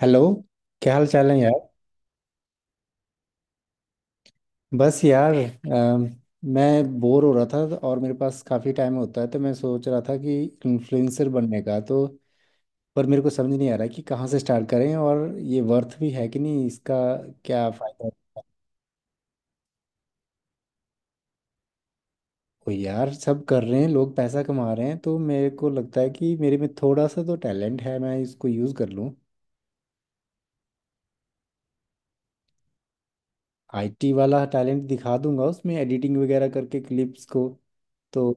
Hello. क्या हाल चाल है यार। बस यार, मैं बोर हो रहा था और मेरे पास काफ़ी टाइम होता है तो मैं सोच रहा था कि इन्फ्लुएंसर बनने का। तो पर मेरे को समझ नहीं आ रहा कि कहाँ से स्टार्ट करें और ये वर्थ भी है कि नहीं इसका क्या फ़ायदा। कोई यार सब कर रहे हैं लोग पैसा कमा रहे हैं तो मेरे को लगता है कि मेरे में थोड़ा सा तो टैलेंट है, मैं इसको यूज़ कर लूँ। आईटी वाला टैलेंट दिखा दूंगा उसमें एडिटिंग वगैरह करके क्लिप्स को। तो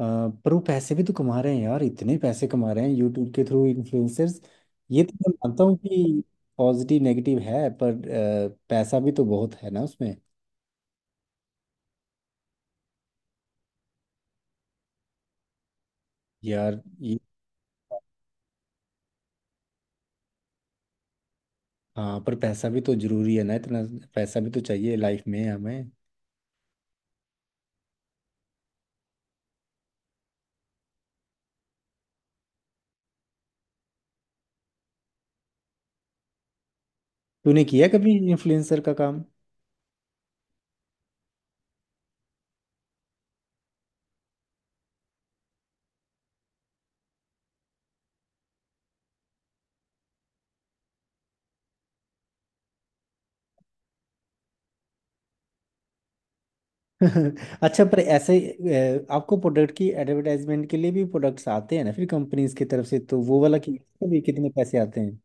अ, पर वो पैसे भी तो कमा रहे हैं यार, इतने पैसे कमा रहे हैं यूट्यूब के थ्रू इन्फ्लुएंसर्स। ये तो मैं मानता हूँ कि पॉजिटिव नेगेटिव है, पर पैसा भी तो बहुत है ना उसमें। यार ये। हाँ, पर पैसा भी तो जरूरी है ना इतना। पैसा भी तो चाहिए लाइफ में हमें। तूने किया कभी इन्फ्लुएंसर का काम? अच्छा, पर ऐसे आपको प्रोडक्ट की एडवर्टाइजमेंट के लिए भी प्रोडक्ट्स आते हैं ना फिर कंपनीज की तरफ से, तो वो वाला कि भी कितने पैसे आते हैं?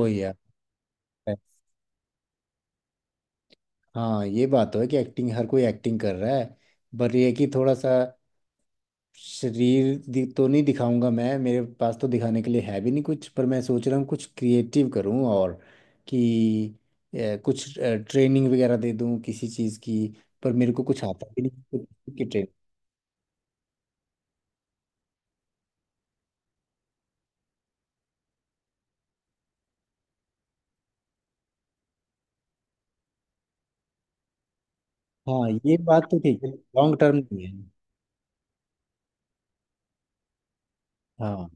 ओ यार। हाँ, ये बात तो है कि एक्टिंग हर कोई एक्टिंग कर रहा है। पर ये है कि थोड़ा सा शरीर तो नहीं दिखाऊंगा मैं, मेरे पास तो दिखाने के लिए है भी नहीं कुछ, पर मैं सोच रहा हूँ कुछ क्रिएटिव करूँ और कि कुछ ट्रेनिंग वगैरह दे दूँ किसी चीज़ की, पर मेरे को कुछ आता भी नहीं तो किसकी ट्रेनिंग। हाँ, ये बात तो ठीक है लॉन्ग टर्म नहीं है। हाँ,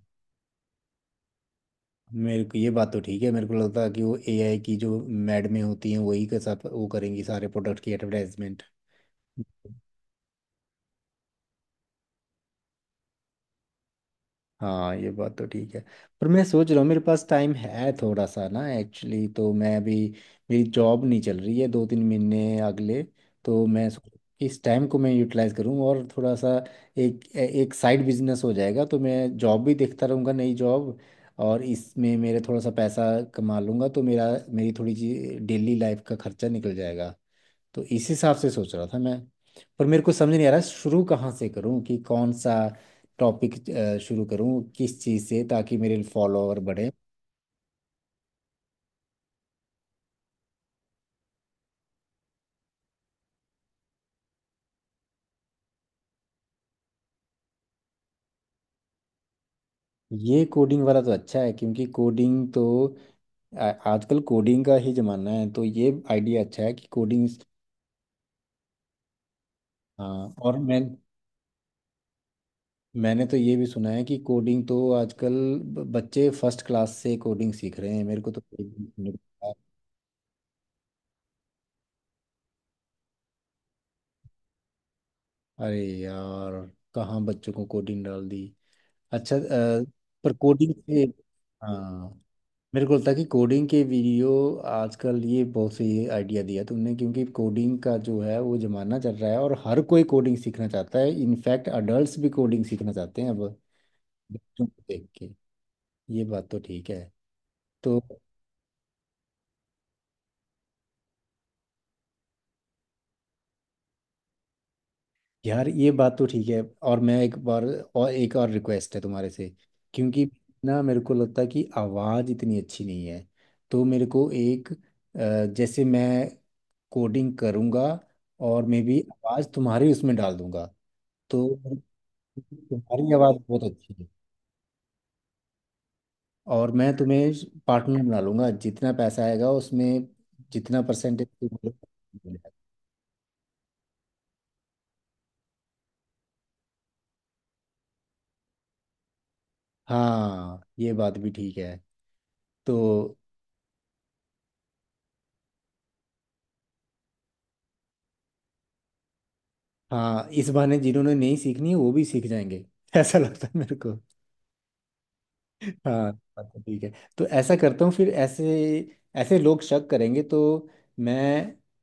मेरे को ये बात तो ठीक है, मेरे को लगता है कि वो एआई की जो मैड में होती हैं वही के साथ वो करेंगी सारे प्रोडक्ट की एडवर्टाइजमेंट। हाँ, ये बात तो ठीक है, पर मैं सोच रहा हूँ मेरे पास टाइम है थोड़ा सा ना एक्चुअली तो मैं अभी, मेरी जॉब नहीं चल रही है 2-3 महीने अगले तो मैं सोच इस टाइम को मैं यूटिलाइज करूँ और थोड़ा सा एक एक साइड बिजनेस हो जाएगा तो मैं जॉब भी देखता रहूँगा नई जॉब और इसमें मेरे थोड़ा सा पैसा कमा लूँगा तो मेरा मेरी थोड़ी सी डेली लाइफ का खर्चा निकल जाएगा। तो इस हिसाब से सोच रहा था मैं। पर मेरे को समझ नहीं आ रहा शुरू कहाँ से करूँ कि कौन सा टॉपिक शुरू करूँ किस चीज़ से ताकि मेरे फॉलोअर बढ़े। ये कोडिंग वाला तो अच्छा है क्योंकि कोडिंग तो आजकल कोडिंग का ही ज़माना है तो ये आइडिया अच्छा है कि कोडिंग। हाँ और मैं। मैंने तो ये भी सुना है कि कोडिंग तो आजकल बच्चे फर्स्ट क्लास से कोडिंग सीख रहे हैं, मेरे को तो कोडिंग सुनने को मिला। अरे यार, कहाँ बच्चों को कोडिंग डाल दी। अच्छा पर कोडिंग के। हाँ मेरे को लगता है कि कोडिंग के वीडियो आजकल ये बहुत सही आइडिया दिया तुमने क्योंकि कोडिंग का जो है वो जमाना चल रहा है और हर कोई कोडिंग सीखना चाहता है, इनफैक्ट अडल्ट्स भी कोडिंग सीखना चाहते हैं अब बच्चों को देख के। ये बात तो ठीक है। तो यार ये बात तो ठीक है और मैं एक बार और एक और रिक्वेस्ट है तुम्हारे से क्योंकि ना मेरे को लगता है कि आवाज़ इतनी अच्छी नहीं है तो मेरे को एक जैसे मैं कोडिंग करूंगा और मे बी आवाज़ तुम्हारी उसमें डाल दूंगा। तो तुम्हारी आवाज़ बहुत अच्छी है और मैं तुम्हें पार्टनर बना लूंगा जितना पैसा आएगा उसमें जितना परसेंटेज। हाँ ये बात भी ठीक है। तो हाँ, इस बहाने जिन्होंने नहीं सीखनी है वो भी सीख जाएंगे। ऐसा लगता है मेरे को। हाँ, बात तो ठीक है। तो ऐसा करता हूँ, फिर ऐसे ऐसे लोग शक करेंगे तो मैं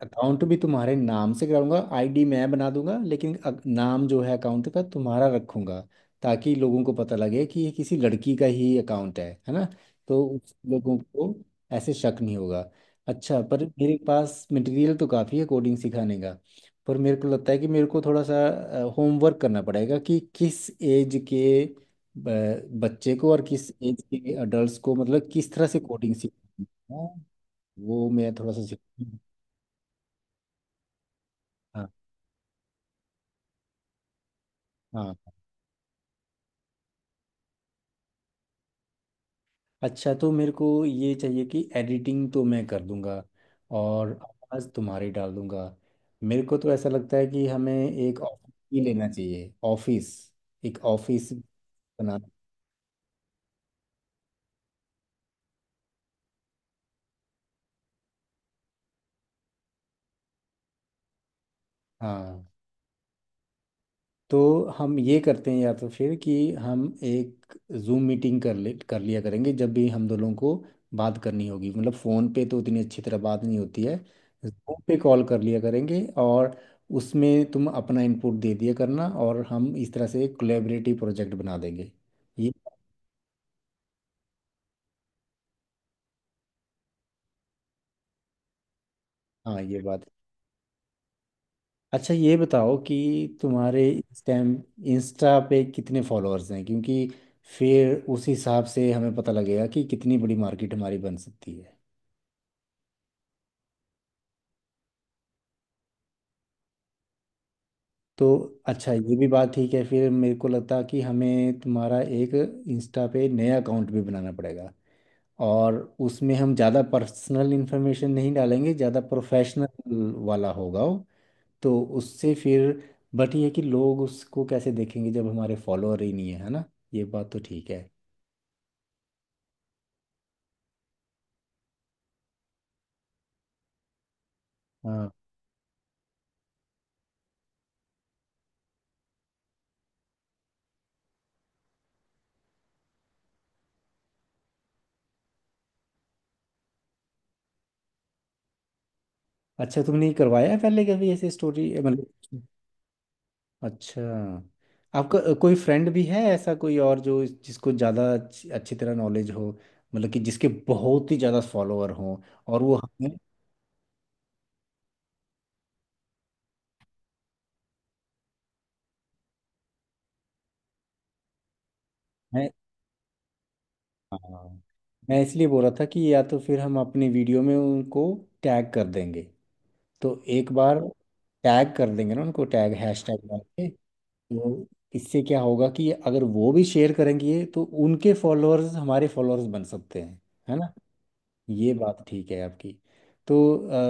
अकाउंट भी तुम्हारे नाम से कराऊंगा आईडी मैं बना दूंगा, लेकिन नाम जो है अकाउंट का तुम्हारा रखूंगा ताकि लोगों को पता लगे कि ये किसी लड़की का ही अकाउंट है ना। तो उस लोगों को ऐसे शक नहीं होगा। अच्छा, पर मेरे पास मटेरियल तो काफ़ी है कोडिंग सिखाने का, पर मेरे को लगता है कि मेरे को थोड़ा सा होमवर्क करना पड़ेगा कि किस एज के बच्चे को और किस एज के अडल्ट को, मतलब किस तरह से कोडिंग सीखनी है वो मैं थोड़ा सा सीख। हाँ हाँ हाँ। अच्छा तो मेरे को ये चाहिए कि एडिटिंग तो मैं कर दूंगा और आवाज़ तुम्हारी डाल दूंगा। मेरे को तो ऐसा लगता है कि हमें एक ऑफिस ही लेना चाहिए ऑफिस एक ऑफिस बनाना। हाँ, तो हम ये करते हैं या तो फिर कि हम एक जूम मीटिंग कर ले कर लिया करेंगे जब भी हम दोनों को बात करनी होगी, मतलब फ़ोन पे तो उतनी अच्छी तरह बात नहीं होती है। जूम पे कॉल कर लिया करेंगे और उसमें तुम अपना इनपुट दे दिया करना और हम इस तरह से एक कोलेबरेटिव प्रोजेक्ट बना देंगे। ये हाँ ये बात। अच्छा, ये बताओ कि तुम्हारे इस टाइम इंस्टा पे कितने फॉलोअर्स हैं क्योंकि फिर उस हिसाब से हमें पता लगेगा कि कितनी बड़ी मार्केट हमारी बन सकती है। तो अच्छा, ये भी बात ठीक है, फिर मेरे को लगता कि हमें तुम्हारा एक इंस्टा पे नया अकाउंट भी बनाना पड़ेगा और उसमें हम ज़्यादा पर्सनल इन्फॉर्मेशन नहीं डालेंगे, ज़्यादा प्रोफेशनल वाला होगा वो। तो उससे फिर बट ये है कि लोग उसको कैसे देखेंगे जब हमारे फॉलोअर ही नहीं है, है ना। ये बात तो ठीक है। हाँ, अच्छा, तुमने ये करवाया है पहले कभी ऐसे स्टोरी मतलब। अच्छा आपका कोई फ्रेंड भी है ऐसा कोई और जो जिसको ज़्यादा अच्छी अच्छी तरह नॉलेज हो, मतलब कि जिसके बहुत ही ज़्यादा फॉलोअर हों और वो हमें। मैं। हाँ, मैं इसलिए बोल रहा था कि या तो फिर हम अपनी वीडियो में उनको टैग कर देंगे तो एक बार टैग कर देंगे ना उनको टैग हैशटैग डाल के। तो इससे क्या होगा कि अगर वो भी शेयर करेंगे तो उनके फॉलोअर्स हमारे फॉलोअर्स बन सकते हैं, है ना। ये बात ठीक है आपकी। तो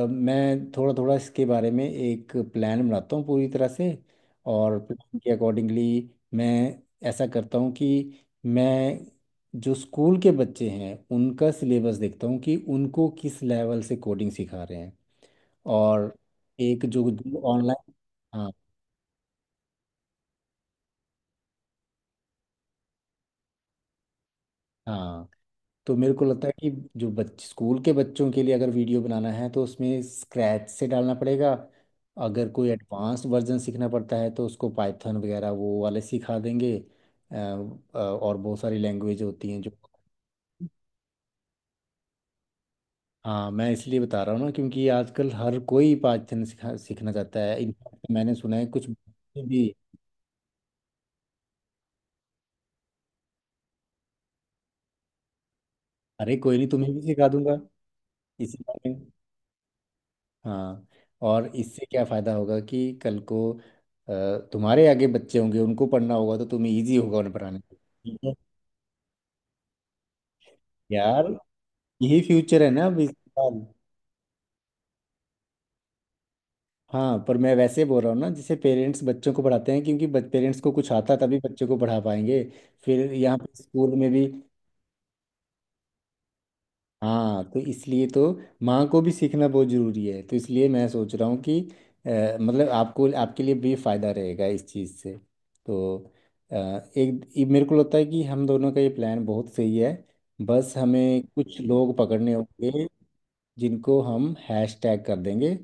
मैं थोड़ा थोड़ा इसके बारे में एक प्लान बनाता हूँ पूरी तरह से और प्लान के अकॉर्डिंगली मैं ऐसा करता हूँ कि मैं जो स्कूल के बच्चे हैं उनका सिलेबस देखता हूँ कि उनको किस लेवल से कोडिंग सिखा रहे हैं और एक जो ऑनलाइन। हाँ। हाँ तो मेरे को लगता है कि जो बच स्कूल के बच्चों के लिए अगर वीडियो बनाना है तो उसमें स्क्रैच से डालना पड़ेगा, अगर कोई एडवांस वर्जन सीखना पड़ता है तो उसको पाइथन वगैरह वो वाले सिखा देंगे। और बहुत सारी लैंग्वेज होती हैं जो। हाँ, मैं इसलिए बता रहा हूँ ना क्योंकि आजकल हर कोई पाइथन सिखा सीखना चाहता है, इनफैक्ट मैंने सुना है कुछ बच्चे भी। अरे कोई नहीं तुम्हें भी सिखा दूंगा इसी बारे में। हाँ और इससे क्या फायदा होगा कि कल को तुम्हारे आगे बच्चे होंगे उनको पढ़ना होगा तो तुम्हें इजी होगा उन्हें पढ़ाने में। ठीक है यार यही फ्यूचर है ना अभी साल। हाँ, पर मैं वैसे बोल रहा हूँ ना जैसे पेरेंट्स बच्चों को पढ़ाते हैं क्योंकि पेरेंट्स को कुछ आता तभी बच्चे को पढ़ा पाएंगे फिर यहाँ पे स्कूल में भी। हाँ तो इसलिए तो माँ को भी सीखना बहुत ज़रूरी है तो इसलिए मैं सोच रहा हूँ कि मतलब आपको आपके लिए भी फ़ायदा रहेगा इस चीज़ से। तो एक ये मेरे को लगता है कि हम दोनों का ये प्लान बहुत सही है, बस हमें कुछ लोग पकड़ने होंगे जिनको हम हैश टैग कर देंगे,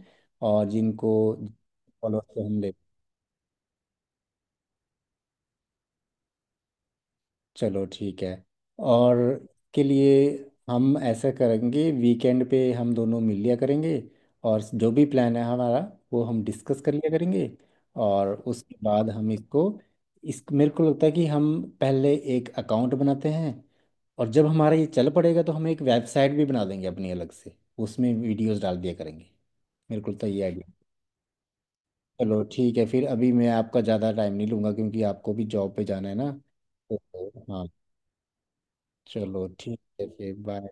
और जिनको फॉलोअर्स हम ले। चलो ठीक है और के लिए हम ऐसा करेंगे वीकेंड पे हम दोनों मिल लिया करेंगे और जो भी प्लान है हमारा वो हम डिस्कस कर लिया करेंगे और उसके बाद हम इसको इस मेरे को लगता है कि हम पहले एक अकाउंट बनाते हैं और जब हमारा ये चल पड़ेगा तो हम एक वेबसाइट भी बना देंगे अपनी अलग से उसमें वीडियोस डाल दिया करेंगे मेरे को तो ये आइडिया। चलो ठीक है, फिर अभी मैं आपका ज़्यादा टाइम नहीं लूँगा क्योंकि आपको भी जॉब पे जाना है ना। तो हाँ, चलो ठीक है फिर बाय।